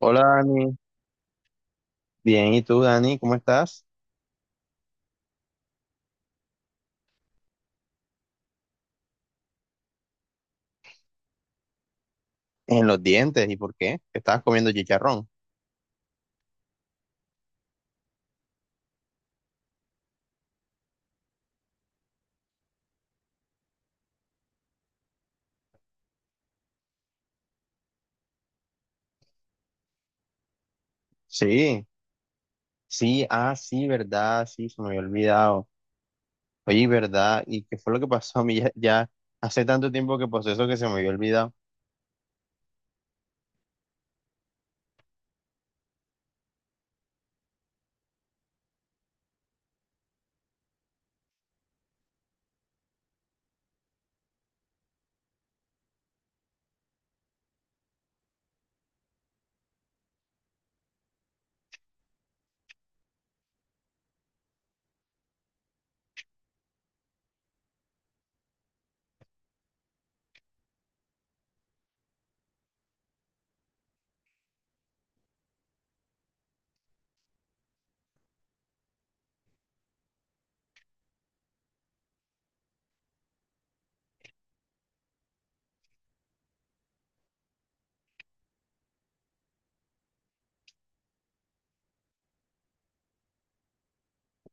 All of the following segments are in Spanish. Hola Dani, bien, ¿y tú Dani? ¿Cómo estás? En los dientes, ¿y por qué? ¿Qué estabas comiendo chicharrón? Sí, sí, ah, sí, verdad, sí, se me había olvidado. Oye, ¿verdad? ¿Y qué fue lo que pasó a mí ya hace tanto tiempo que pasó eso que se me había olvidado?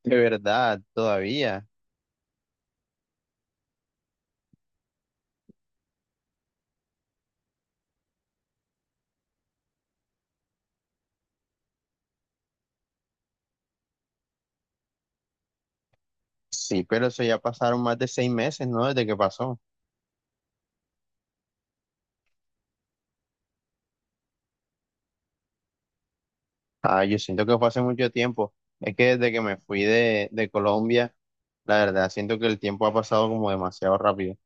De verdad, todavía. Sí, pero eso ya pasaron más de 6 meses, ¿no? Desde que pasó. Ah, yo siento que fue hace mucho tiempo. Es que desde que me fui de Colombia, la verdad, siento que el tiempo ha pasado como demasiado rápido.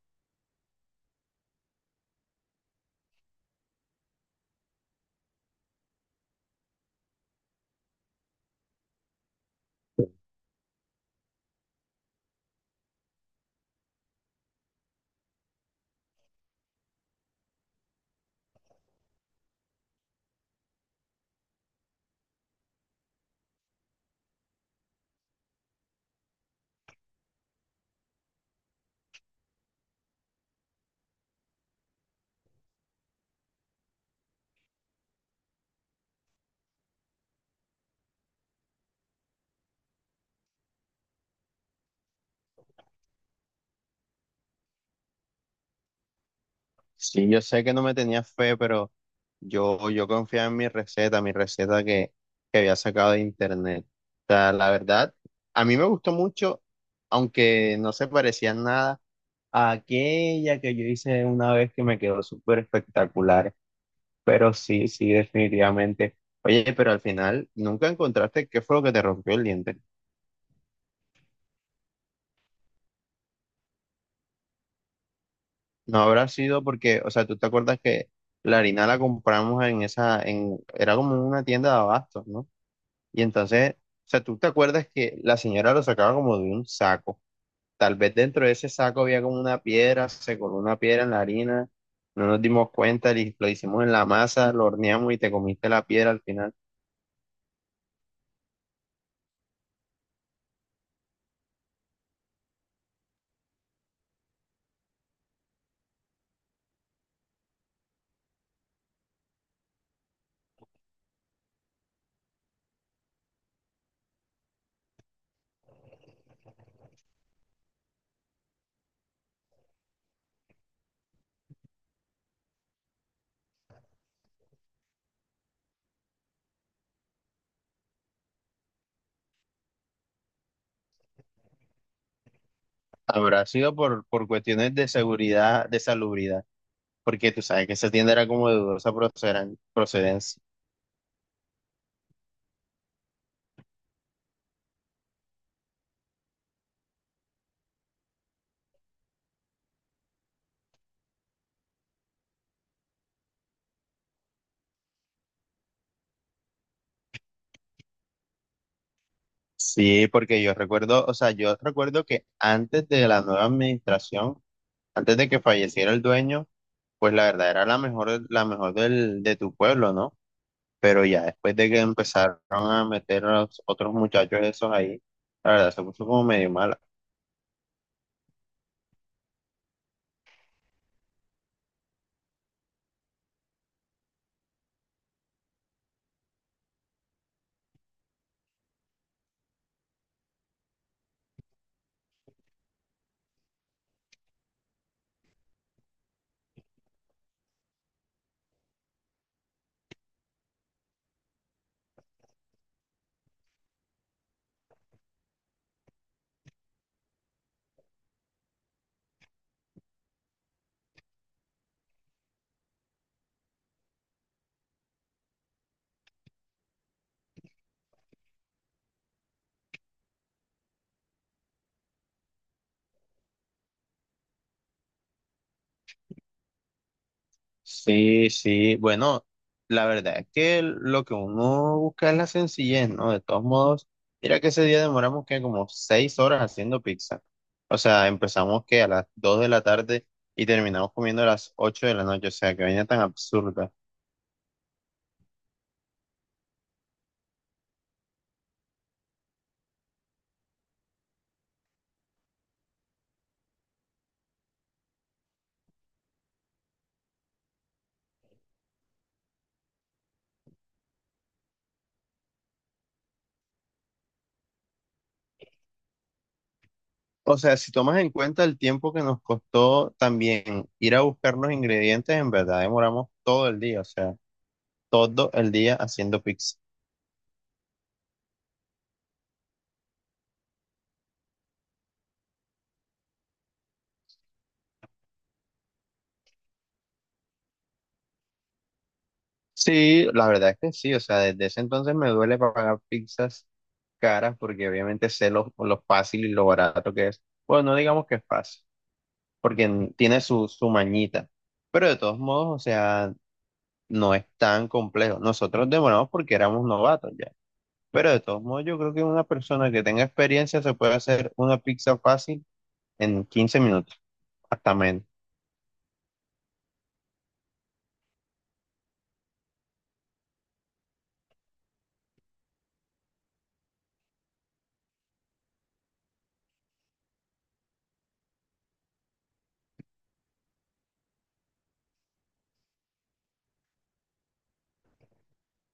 Sí, yo sé que no me tenía fe, pero yo confiaba en mi receta que había sacado de internet. O sea, la verdad, a mí me gustó mucho, aunque no se parecía en nada a aquella que yo hice una vez que me quedó súper espectacular. Pero sí, sí, definitivamente. Oye, pero al final, ¿nunca encontraste qué fue lo que te rompió el diente? No habrá sido porque, o sea, tú te acuerdas que la harina la compramos era como una tienda de abastos, ¿no? Y entonces, o sea, tú te acuerdas que la señora lo sacaba como de un saco. Tal vez dentro de ese saco había como una piedra, se coló una piedra en la harina, no nos dimos cuenta, lo hicimos en la masa, lo horneamos y te comiste la piedra al final. Habrá sido por cuestiones de seguridad, de salubridad, porque tú sabes que esa tienda era como de dudosa procedencia. Sí, porque yo recuerdo, o sea, yo recuerdo que antes de la nueva administración, antes de que falleciera el dueño, pues la verdad era la mejor de tu pueblo, ¿no? Pero ya después de que empezaron a meter a los otros muchachos esos ahí, la verdad se puso como medio mala. Sí, sí, bueno, la verdad es que lo que uno busca es la sencillez, ¿no? De todos modos, mira que ese día demoramos que como 6 horas haciendo pizza. O sea, empezamos que a las dos de la tarde y terminamos comiendo a las ocho de la noche, o sea, que vaina tan absurda. O sea, si tomas en cuenta el tiempo que nos costó también ir a buscar los ingredientes, en verdad demoramos todo el día, o sea, todo el día haciendo pizza. Sí, la verdad es que sí, o sea, desde ese entonces me duele pagar pizzas caras porque obviamente sé lo fácil y lo barato que es. Bueno, no digamos que es fácil, porque tiene su mañita, pero de todos modos, o sea, no es tan complejo. Nosotros demoramos porque éramos novatos ya. Pero de todos modos, yo creo que una persona que tenga experiencia se puede hacer una pizza fácil en 15 minutos, hasta menos.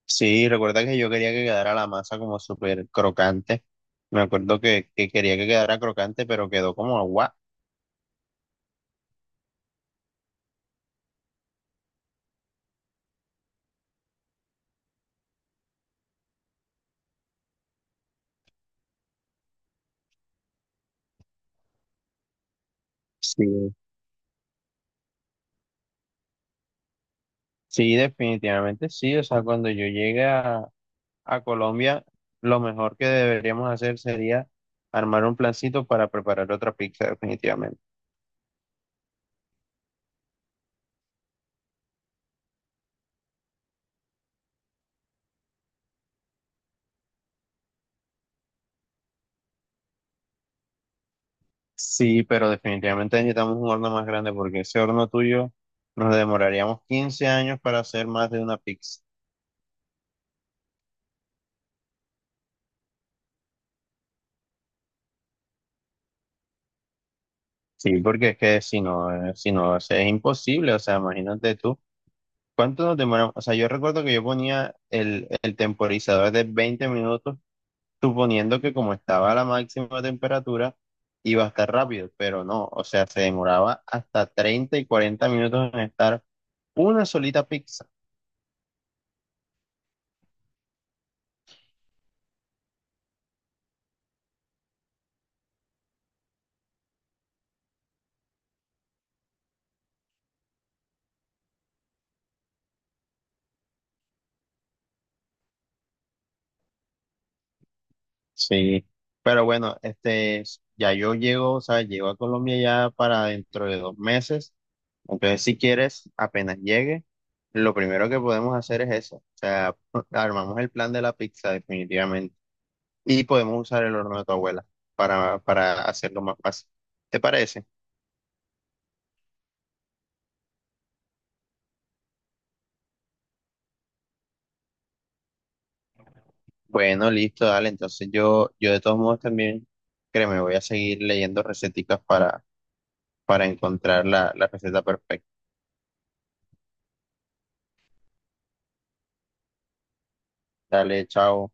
Sí, recuerda que yo quería que quedara la masa como súper crocante. Me acuerdo que quería que quedara crocante, pero quedó como agua. Sí. Sí, definitivamente sí. O sea, cuando yo llegue a Colombia, lo mejor que deberíamos hacer sería armar un plancito para preparar otra pizza, definitivamente. Sí, pero definitivamente necesitamos un horno más grande porque ese horno tuyo nos demoraríamos 15 años para hacer más de una pizza. Sí, porque es que si no, si no, o sea, es imposible. O sea, imagínate tú, ¿cuánto nos demoramos? O sea, yo recuerdo que yo ponía el temporizador de 20 minutos, suponiendo que como estaba a la máxima temperatura, iba a estar rápido, pero no, o sea, se demoraba hasta 30 y 40 minutos en estar una solita pizza. Sí, pero bueno, este, ya yo llego, o sea, llego a Colombia ya para dentro de 2 meses. Entonces, si quieres, apenas llegue, lo primero que podemos hacer es eso. O sea, armamos el plan de la pizza definitivamente y podemos usar el horno de tu abuela para hacerlo más fácil. ¿Te parece? Bueno, listo, dale. Entonces yo de todos modos también, créeme, voy a seguir leyendo receticas para encontrar la receta perfecta. Dale, chao.